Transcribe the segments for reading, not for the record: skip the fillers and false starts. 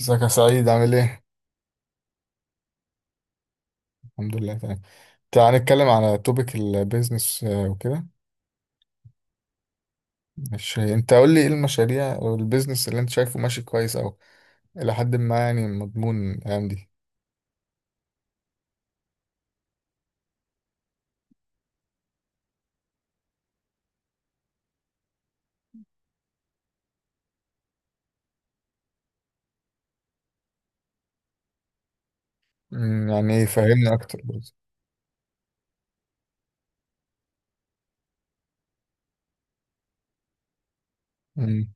ازيك يا سعيد عامل ايه؟ الحمد لله تمام. تعال نتكلم على توبيك البيزنس وكده. مش انت قول لي ايه المشاريع او البيزنس اللي انت شايفه ماشي كويس او الى حد ما، يعني مضمون الايام دي؟ يعني ايه، فهمني اكتر برضه. مم.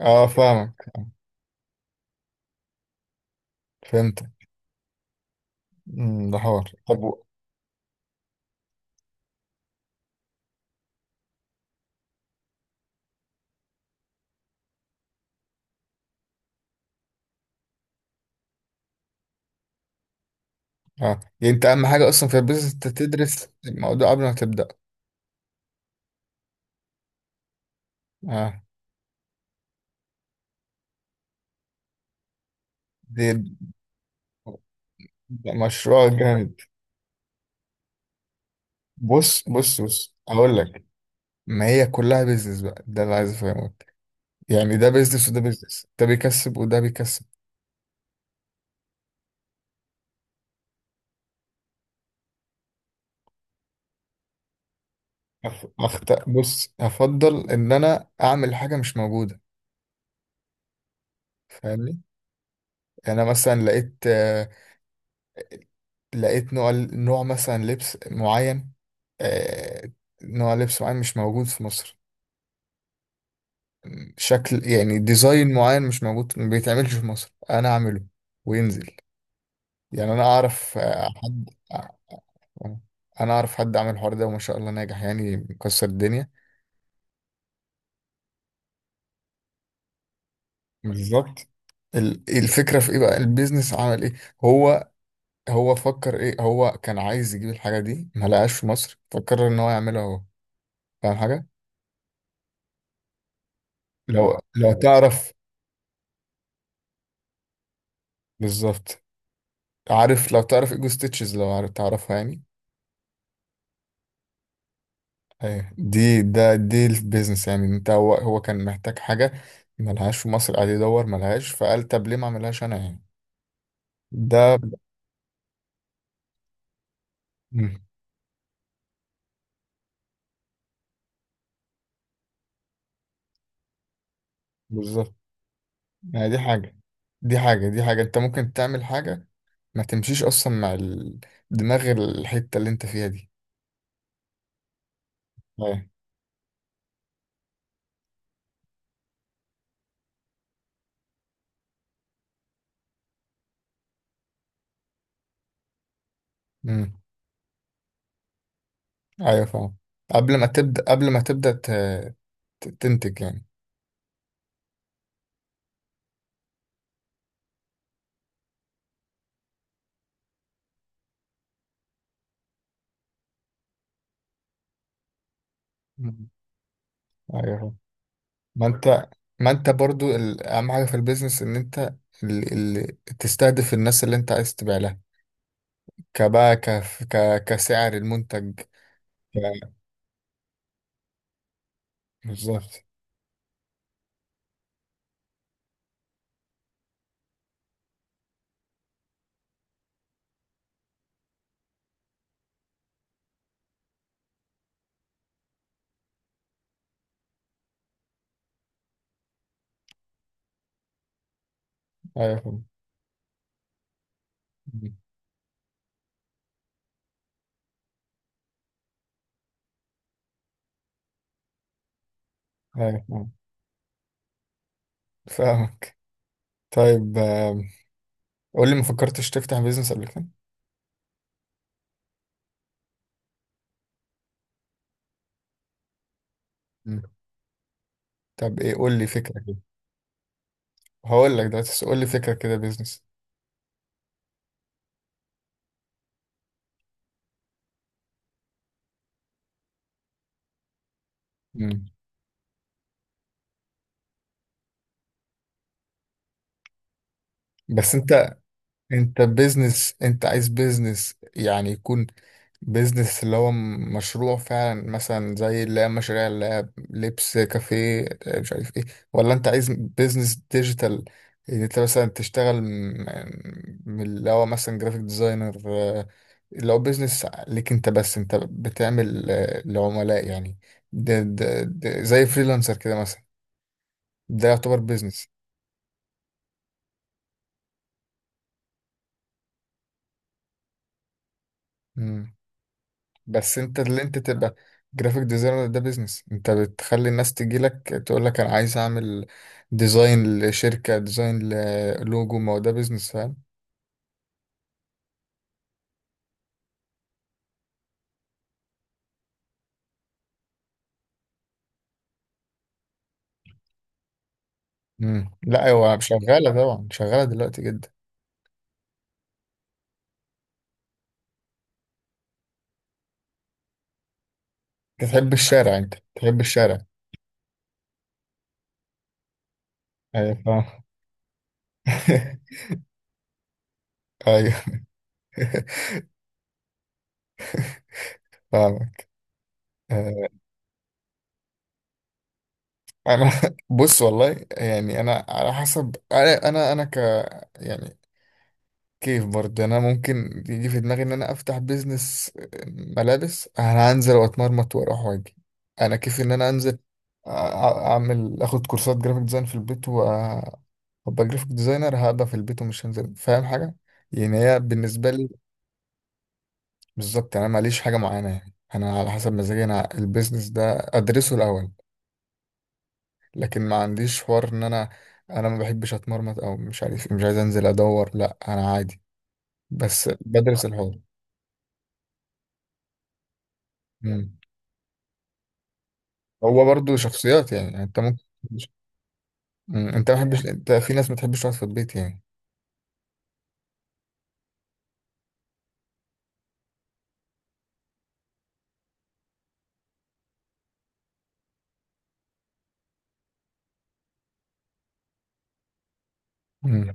اه، فاهمك، فهمتك. ده حوار. طب اه، يعني انت اهم حاجه اصلا في البيزنس انت تدرس الموضوع قبل ما تبدا. اه، دي ده مشروع جامد. بص اقول لك، ما هي كلها بيزنس بقى، ده اللي عايز افهمه. يعني ده بيزنس وده بيزنس، ده بيكسب وده بيكسب. بص، هفضل ان انا اعمل حاجه مش موجوده، فاهمني؟ يعني انا مثلا لقيت لقيت نوع مثلا لبس معين. آه، نوع لبس معين مش موجود في مصر. شكل يعني ديزاين معين مش موجود، ما بيتعملش في مصر، انا اعمله وينزل. يعني انا اعرف حد انا اعرف حد عمل الحوار ده، وما شاء الله ناجح يعني، مكسر الدنيا. بالظبط. الفكرة في ايه بقى، البيزنس عمل ايه؟ هو هو فكر ايه؟ هو كان عايز يجيب الحاجة دي، ما لقاش في مصر، فكر ان هو يعملها هو، فاهم حاجة؟ لو، ايوه، صح، تعرف. بالظبط. عارف لو تعرف ايجو ستيتشز، لو عارف تعرفها يعني. ايه دي، دي البيزنس يعني. انت هو كان محتاج حاجة ما لهاش في مصر، قاعد يدور ما لهاش، فقال طب ليه ما اعملهاش انا يعني. ده مم، بالظبط. يعني دي حاجة انت ممكن تعمل حاجة ما تمشيش اصلا مع دماغ الحتة اللي انت فيها دي. ايوه. امم ايوه، فاهم. قبل ما تبدأ تنتج يعني. مم. ايوه فاهم. ما انت ما انت برضو اهم حاجة في البيزنس ان انت ال... تستهدف الناس اللي انت عايز تبيع لها. كبقى كسعر المنتج بالظبط. ايوه فاهم. مم. ايوه فاهم، فاهمك. طيب، قول لي، ما فكرتش تفتح بيزنس قبل كده؟ مم. طب ايه، قول لي فكرة كده. هقول لك دلوقتي، بس قول لي فكرة كده بيزنس. مم. بس انت بيزنس، انت عايز بيزنس يعني يكون بيزنس اللي هو مشروع فعلا، مثلا زي اللي هي مشاريع اللي هي لبس، كافيه، مش عارف ايه؟ ولا انت عايز بيزنس ديجيتال، ان انت مثلا تشتغل من اللي هو مثلا جرافيك ديزاينر، اللي هو بيزنس ليك انت، بس انت بتعمل لعملاء يعني. ده زي فريلانسر كده مثلا، ده يعتبر بيزنس؟ بس انت اللي انت تبقى جرافيك ديزاينر ده بيزنس. انت بتخلي الناس تجيلك تقول لك انا عايز اعمل ديزاين لشركة، ديزاين للوجو، ما هو ده بيزنس، فاهم؟ مم. لا هو شغالة طبعا، شغالة دلوقتي جدا. تحب الشارع، انت تحب الشارع. ايوه فاهم. ايوه. فاهمك. آه، انا بص، والله يعني انا على حسب، انا يعني كيف برضه انا، ممكن يجي في دماغي ان انا افتح بيزنس ملابس، انا هنزل واتمرمط واروح واجي. انا كيف ان انا انزل أ- اعمل، اخد كورسات جرافيك ديزاين في البيت وابقى جرافيك ديزاينر، هبقى في البيت ومش هنزل، فاهم حاجه؟ يعني هي بالنسبه لي. بالظبط، يعني انا ماليش حاجه معينه، يعني انا على حسب مزاجي. انا البيزنس ده ادرسه الاول، لكن ما عنديش حوار ان انا ما بحبش اتمرمط، او مش عارف إيه، مش عايز انزل ادور، لا انا عادي، بس بدرس الحوار. هو برضه شخصيات يعني، انت ممكن. مم. انت ما بتحبش، انت في ناس ما بتحبش تقعد في البيت يعني. مم.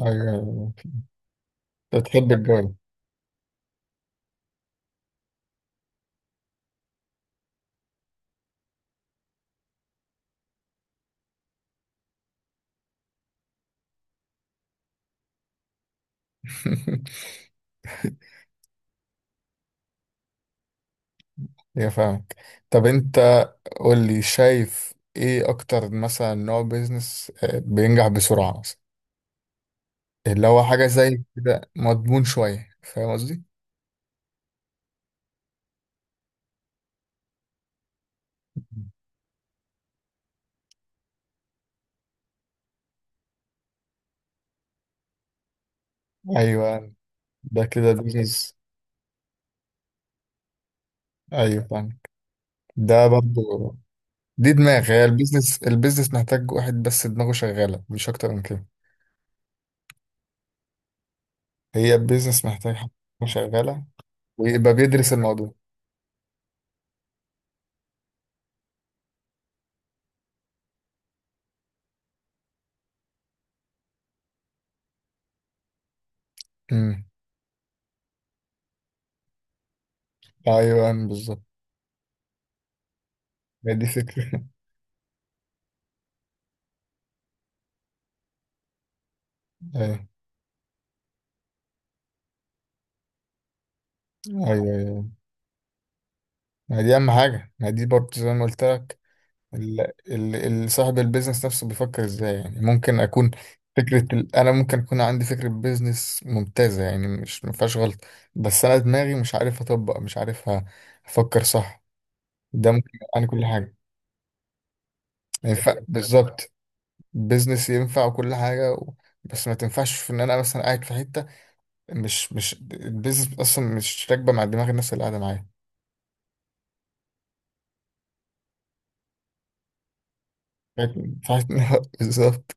ايوه، أيوة. انت بتحب الجو. يا فاهمك. طب انت قول لي، شايف ايه اكتر مثلا نوع بيزنس بينجح بسرعة، مثلا اللي هو حاجة زي كده مضمون شوية، فاهم قصدي؟ ايوه، ده كده بيزنس. ايوه فاهمك، ده برضه. دي دماغ، هي البيزنس محتاج واحد بس دماغه شغالة، مش اكتر من كده. هي البيزنس محتاج حد يكون شغالة ويبقى بيدرس الموضوع. امم ايوه، أيوة، بالظبط. ما دي فكرة. ايوه، ايوه، ايوه، ما دي اهم حاجة، ما دي برضه زي ما قلت لك. ال... صاحب البيزنس نفسه بيفكر ازاي، يعني ممكن اكون. فكرة، انا ممكن اكون عندي فكرة بيزنس ممتازة، يعني مش ما فيهاش غلط، بس انا دماغي مش عارف اطبق، مش عارف افكر صح. ده ممكن انا كل حاجة ما ينفع. بالظبط، بيزنس ينفع وكل حاجة بس ما تنفعش في ان انا مثلا قاعد في حته مش البيزنس اصلا مش راكبه مع دماغ الناس اللي قاعده معايا، فاهم؟ بالظبط.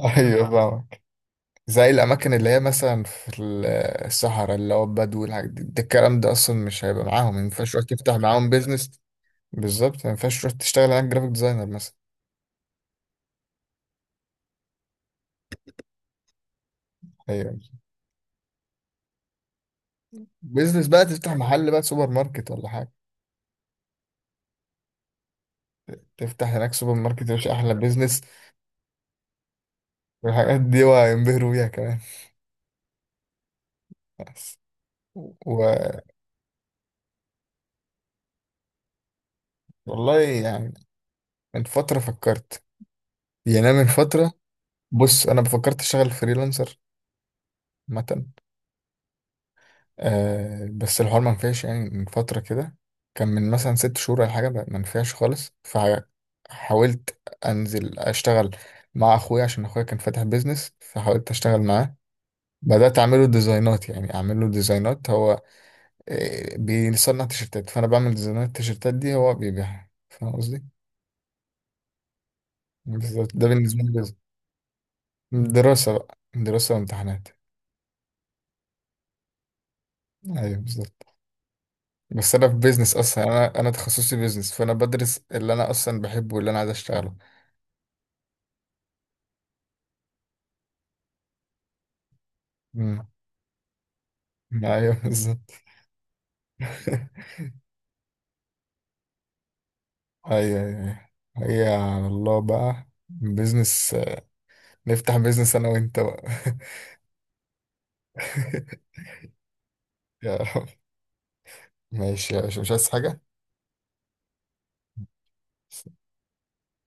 ايوه فاهمك، زي الاماكن اللي هي مثلا في الصحراء، اللي هو البدو والحاجات دي، ده الكلام ده اصلا مش هيبقى معاهم، ما ينفعش تروح تفتح معاهم بيزنس. بالظبط، ما ينفعش تروح تشتغل هناك جرافيك ديزاينر مثلا. ايوه، بيزنس بقى، تفتح محل بقى، سوبر ماركت ولا حاجه. تفتح هناك سوبر ماركت يا باشا، احلى بيزنس. والحاجات دي، وهينبهروا بيها كمان. بس و... والله يعني، من فتره فكرت، يعني أنا من فتره. بص، انا فكرت اشتغل فريلانسر مثلا، آه، بس الحوار ما نفعش يعني. من فتره كده، كان من مثلا 6 شهور ولا حاجه، ما نفعش خالص. فحاولت انزل اشتغل مع اخويا، عشان اخويا كان فاتح بيزنس، فحاولت اشتغل معاه. بدات اعمله ديزاينات هو. بيصنع تيشرتات، فانا بعمل ديزاينات، التيشرتات دي هو بيبيعها، فاهم قصدي؟ بالظبط، ده بالنسبه لي. دراسه وامتحانات. ايوه بالظبط، بس انا في بيزنس اصلا، انا تخصصي بيزنس، فانا بدرس اللي انا اصلا بحبه واللي انا عايز اشتغله. امم ايوه بالظبط. ايوه، ايوه، هي على الله بقى، بيزنس نفتح، بيزنس انا وانت بقى. يا رب. ماشي يا باشا، مش عايز حاجه.